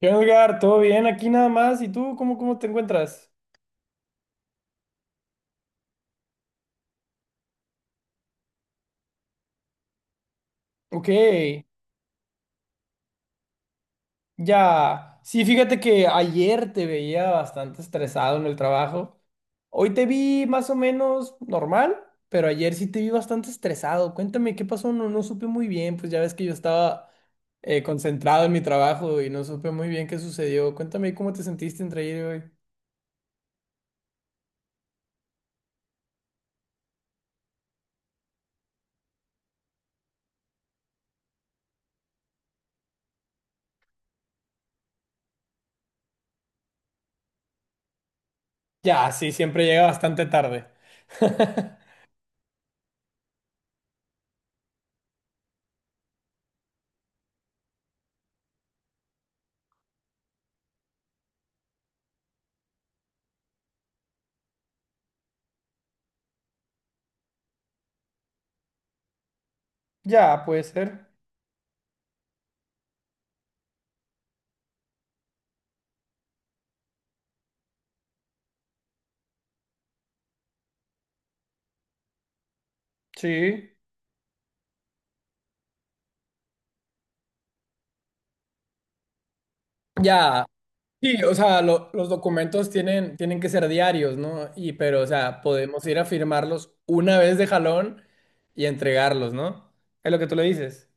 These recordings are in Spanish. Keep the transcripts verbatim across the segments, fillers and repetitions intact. ¿Qué onda, Edgar? ¿Todo bien? Aquí nada más. ¿Y tú cómo, cómo te encuentras? Ok, ya. Sí, fíjate que ayer te veía bastante estresado en el trabajo. Hoy te vi más o menos normal, pero ayer sí te vi bastante estresado. Cuéntame, ¿qué pasó? No, no supe muy bien, pues ya ves que yo estaba eh, concentrado en mi trabajo y no supe muy bien qué sucedió. Cuéntame cómo te sentiste entre ayer y hoy. Ya, sí, siempre llega bastante tarde. Ya, puede ser. Sí. Ya. Sí, o sea, lo- los documentos tienen, tienen que ser diarios, ¿no? Y pero, o sea, podemos ir a firmarlos una vez de jalón y entregarlos, ¿no? Es lo que tú le dices.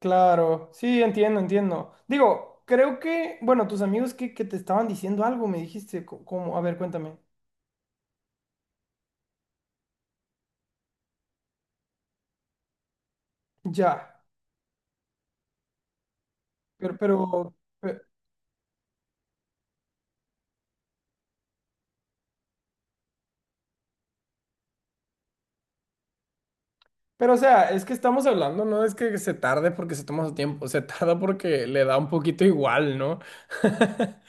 Claro, sí, entiendo, entiendo. Digo, creo que, bueno, tus amigos que, que te estaban diciendo algo, me dijiste, co- como, a ver, cuéntame. Ya, pero, pero, Pe- Pero, o sea, es que estamos hablando, no es que se tarde porque se toma su tiempo, se tarda porque le da un poquito igual, ¿no?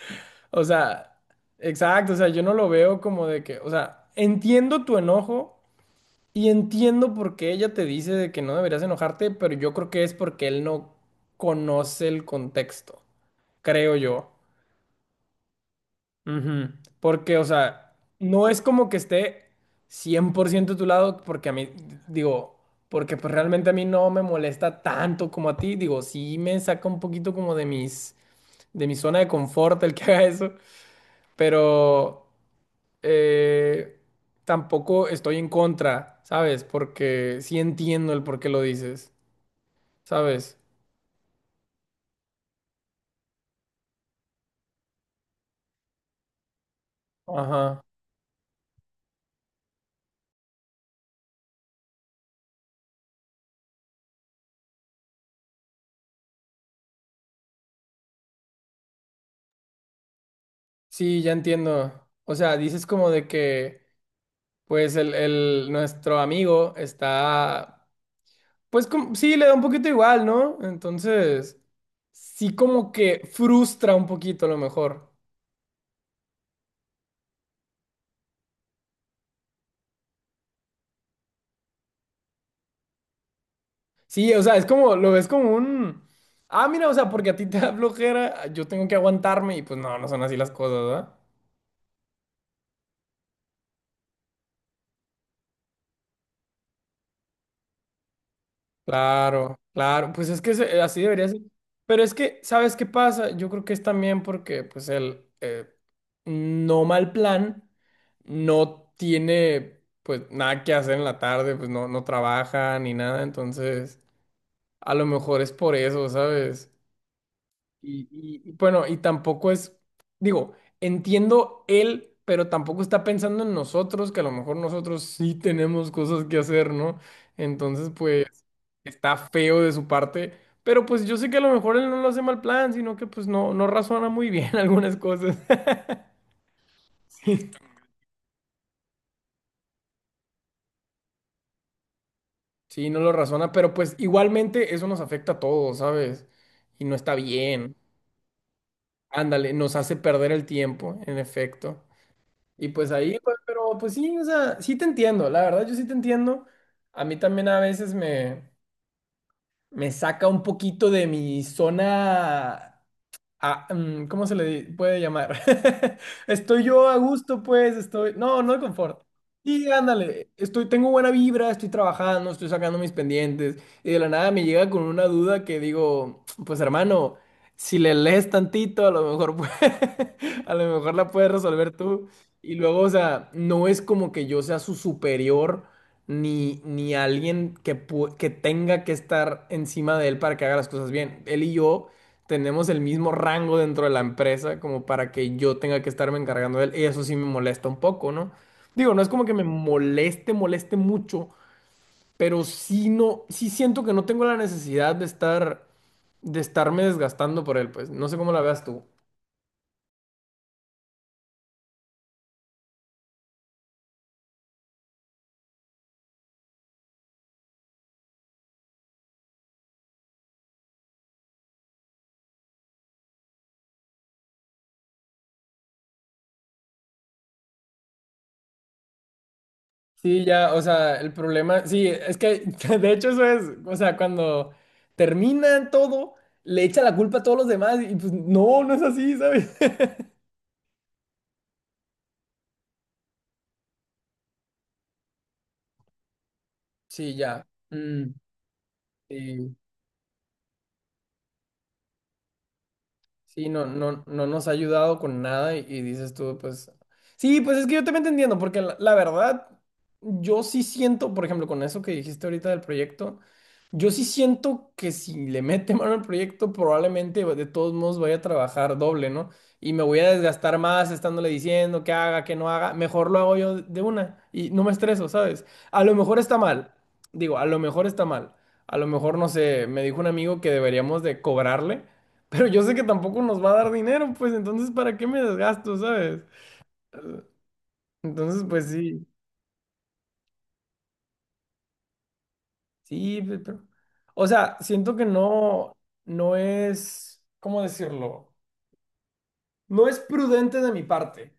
O sea, exacto, o sea, yo no lo veo como de que, o sea, entiendo tu enojo y entiendo por qué ella te dice de que no deberías enojarte, pero yo creo que es porque él no conoce el contexto, creo yo. Ujú. Porque, o sea, no es como que esté cien por ciento a tu lado, porque a mí, digo, porque pues realmente a mí no me molesta tanto como a ti, digo, sí me saca un poquito como de mis, de mi zona de confort el que haga eso, pero... eh, tampoco estoy en contra, ¿sabes? Porque sí entiendo el por qué lo dices, ¿sabes? Ajá. Sí, ya entiendo. O sea, dices como de que, pues, el, el- nuestro amigo está, pues, como, sí, le da un poquito igual, ¿no? Entonces, sí como que frustra un poquito a lo mejor. Sí, o sea, es como, lo ves como un... Ah, mira, o sea, porque a ti te da flojera, yo tengo que aguantarme y pues no, no son así las cosas, ¿verdad? Claro, claro, pues es que se- así debería ser. Pero es que, ¿sabes qué pasa? Yo creo que es también porque, pues, el eh, no mal plan no tiene, pues, nada que hacer en la tarde, pues, no, no trabaja ni nada, entonces, a lo mejor es por eso, ¿sabes? Y, y- y bueno, y tampoco es, digo, entiendo él, pero tampoco está pensando en nosotros, que a lo mejor nosotros sí tenemos cosas que hacer, ¿no? Entonces, pues, está feo de su parte, pero pues yo sé que a lo mejor él no lo hace mal plan, sino que pues no, no razona muy bien algunas cosas. Sí. Sí, no lo razona, pero pues igualmente eso nos afecta a todos, ¿sabes? Y no está bien. Ándale, nos hace perder el tiempo, en efecto. Y pues ahí, pues, pero pues sí, o sea, sí te entiendo, la verdad yo sí te entiendo. A mí también a veces me, me saca un poquito de mi zona. Ah, mm, ¿cómo se le di- puede llamar? Estoy yo a gusto, pues, estoy. No, no de confort. Sí, ándale, estoy, tengo buena vibra, estoy trabajando, estoy sacando mis pendientes, y de la nada me llega con una duda que digo, pues hermano, si le lees tantito, a lo mejor pue- a lo mejor la puedes resolver tú. Y luego, o sea, no es como que yo sea su superior, ni, ni alguien que, pu- que tenga que estar encima de él para que haga las cosas bien. Él y yo tenemos el mismo rango dentro de la empresa como para que yo tenga que estarme encargando de él. Y eso sí me molesta un poco, ¿no? Digo, no es como que me moleste, moleste mucho, pero sí no, sí siento que no tengo la necesidad de estar, de estarme desgastando por él, pues. No sé cómo la veas tú. Sí, ya, o sea, el problema, sí, es que de hecho eso es, o sea, cuando termina todo, le echa la culpa a todos los demás y pues no, no es así, ¿sabes? Sí, ya. Mm, sí. Sí, no, no, no nos ha ayudado con nada y, y dices tú, pues... Sí, pues es que yo también te entiendo, porque la, la verdad, yo sí siento, por ejemplo, con eso que dijiste ahorita del proyecto, yo sí siento que si le mete mano al proyecto, probablemente de todos modos voy a trabajar doble, ¿no? Y me voy a desgastar más estándole diciendo que haga, que no haga, mejor lo hago yo de una y no me estreso, ¿sabes? A lo mejor está mal, digo, a lo mejor está mal, a lo mejor, no sé, me dijo un amigo que deberíamos de cobrarle. Pero yo sé que tampoco nos va a dar dinero, pues entonces, ¿para qué me desgasto, sabes? Entonces, pues sí, sí, pe- pero... O sea, siento que no, no es, ¿cómo decirlo? No es prudente de mi parte.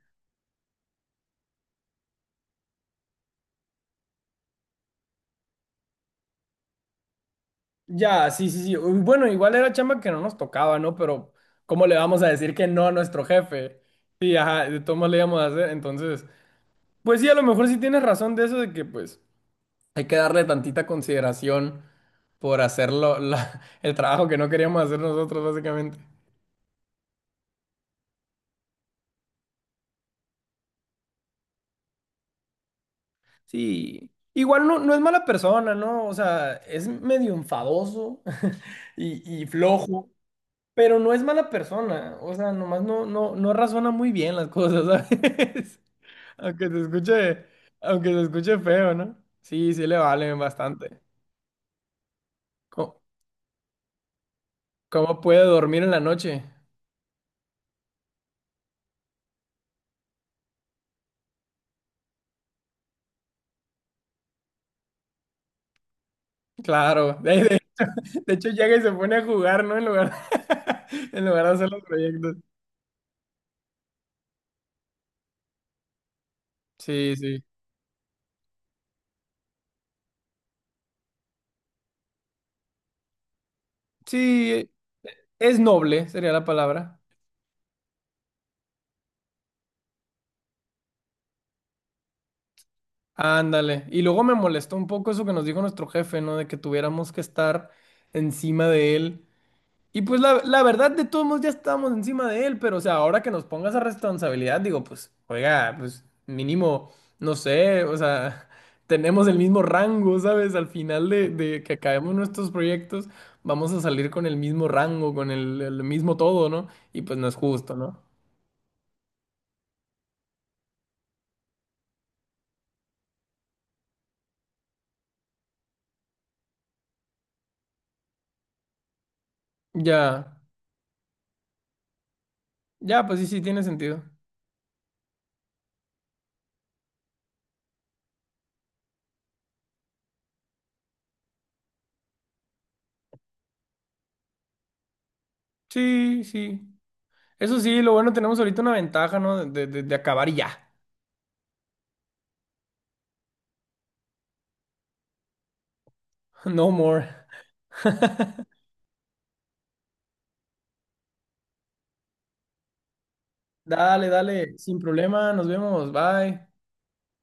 Ya, sí, sí, sí. Uy, bueno, igual era chamba que no nos tocaba, ¿no? Pero, ¿cómo le vamos a decir que no a nuestro jefe? Sí, ajá, de todos modos le íbamos a hacer. Entonces, pues sí, a lo mejor sí tienes razón de eso de que, pues, hay que darle tantita consideración por hacer lo- la- el trabajo que no queríamos hacer nosotros, básicamente. Sí, igual no, no es mala persona, ¿no? O sea, es medio enfadoso y, y flojo, pero no es mala persona. O sea, nomás no, no, no razona muy bien las cosas, ¿sabes? Aunque se escuche, aunque se escuche feo, ¿no? Sí, sí le valen bastante. ¿Cómo, cómo puede dormir en la noche? Claro. De, de- de hecho, llega y se pone a jugar, ¿no? En lugar, en lugar de hacer los proyectos. Sí, sí. Sí, es noble, sería la palabra. Ándale. Y luego me molestó un poco eso que nos dijo nuestro jefe, ¿no? De que tuviéramos que estar encima de él. Y pues la, la verdad, de todos modos ya estábamos encima de él, pero o sea, ahora que nos ponga esa responsabilidad, digo, pues, oiga, pues mínimo, no sé, o sea, tenemos el mismo rango, ¿sabes? Al final de, de que acabemos nuestros proyectos, vamos a salir con el mismo rango, con el el mismo todo, ¿no? Y pues no es justo, ¿no? Ya. Ya, pues sí, sí, tiene sentido. Sí, sí. Eso sí, lo bueno, tenemos ahorita una ventaja, ¿no? De, de, de acabar y ya. No more. Dale, dale, sin problema, nos vemos, bye.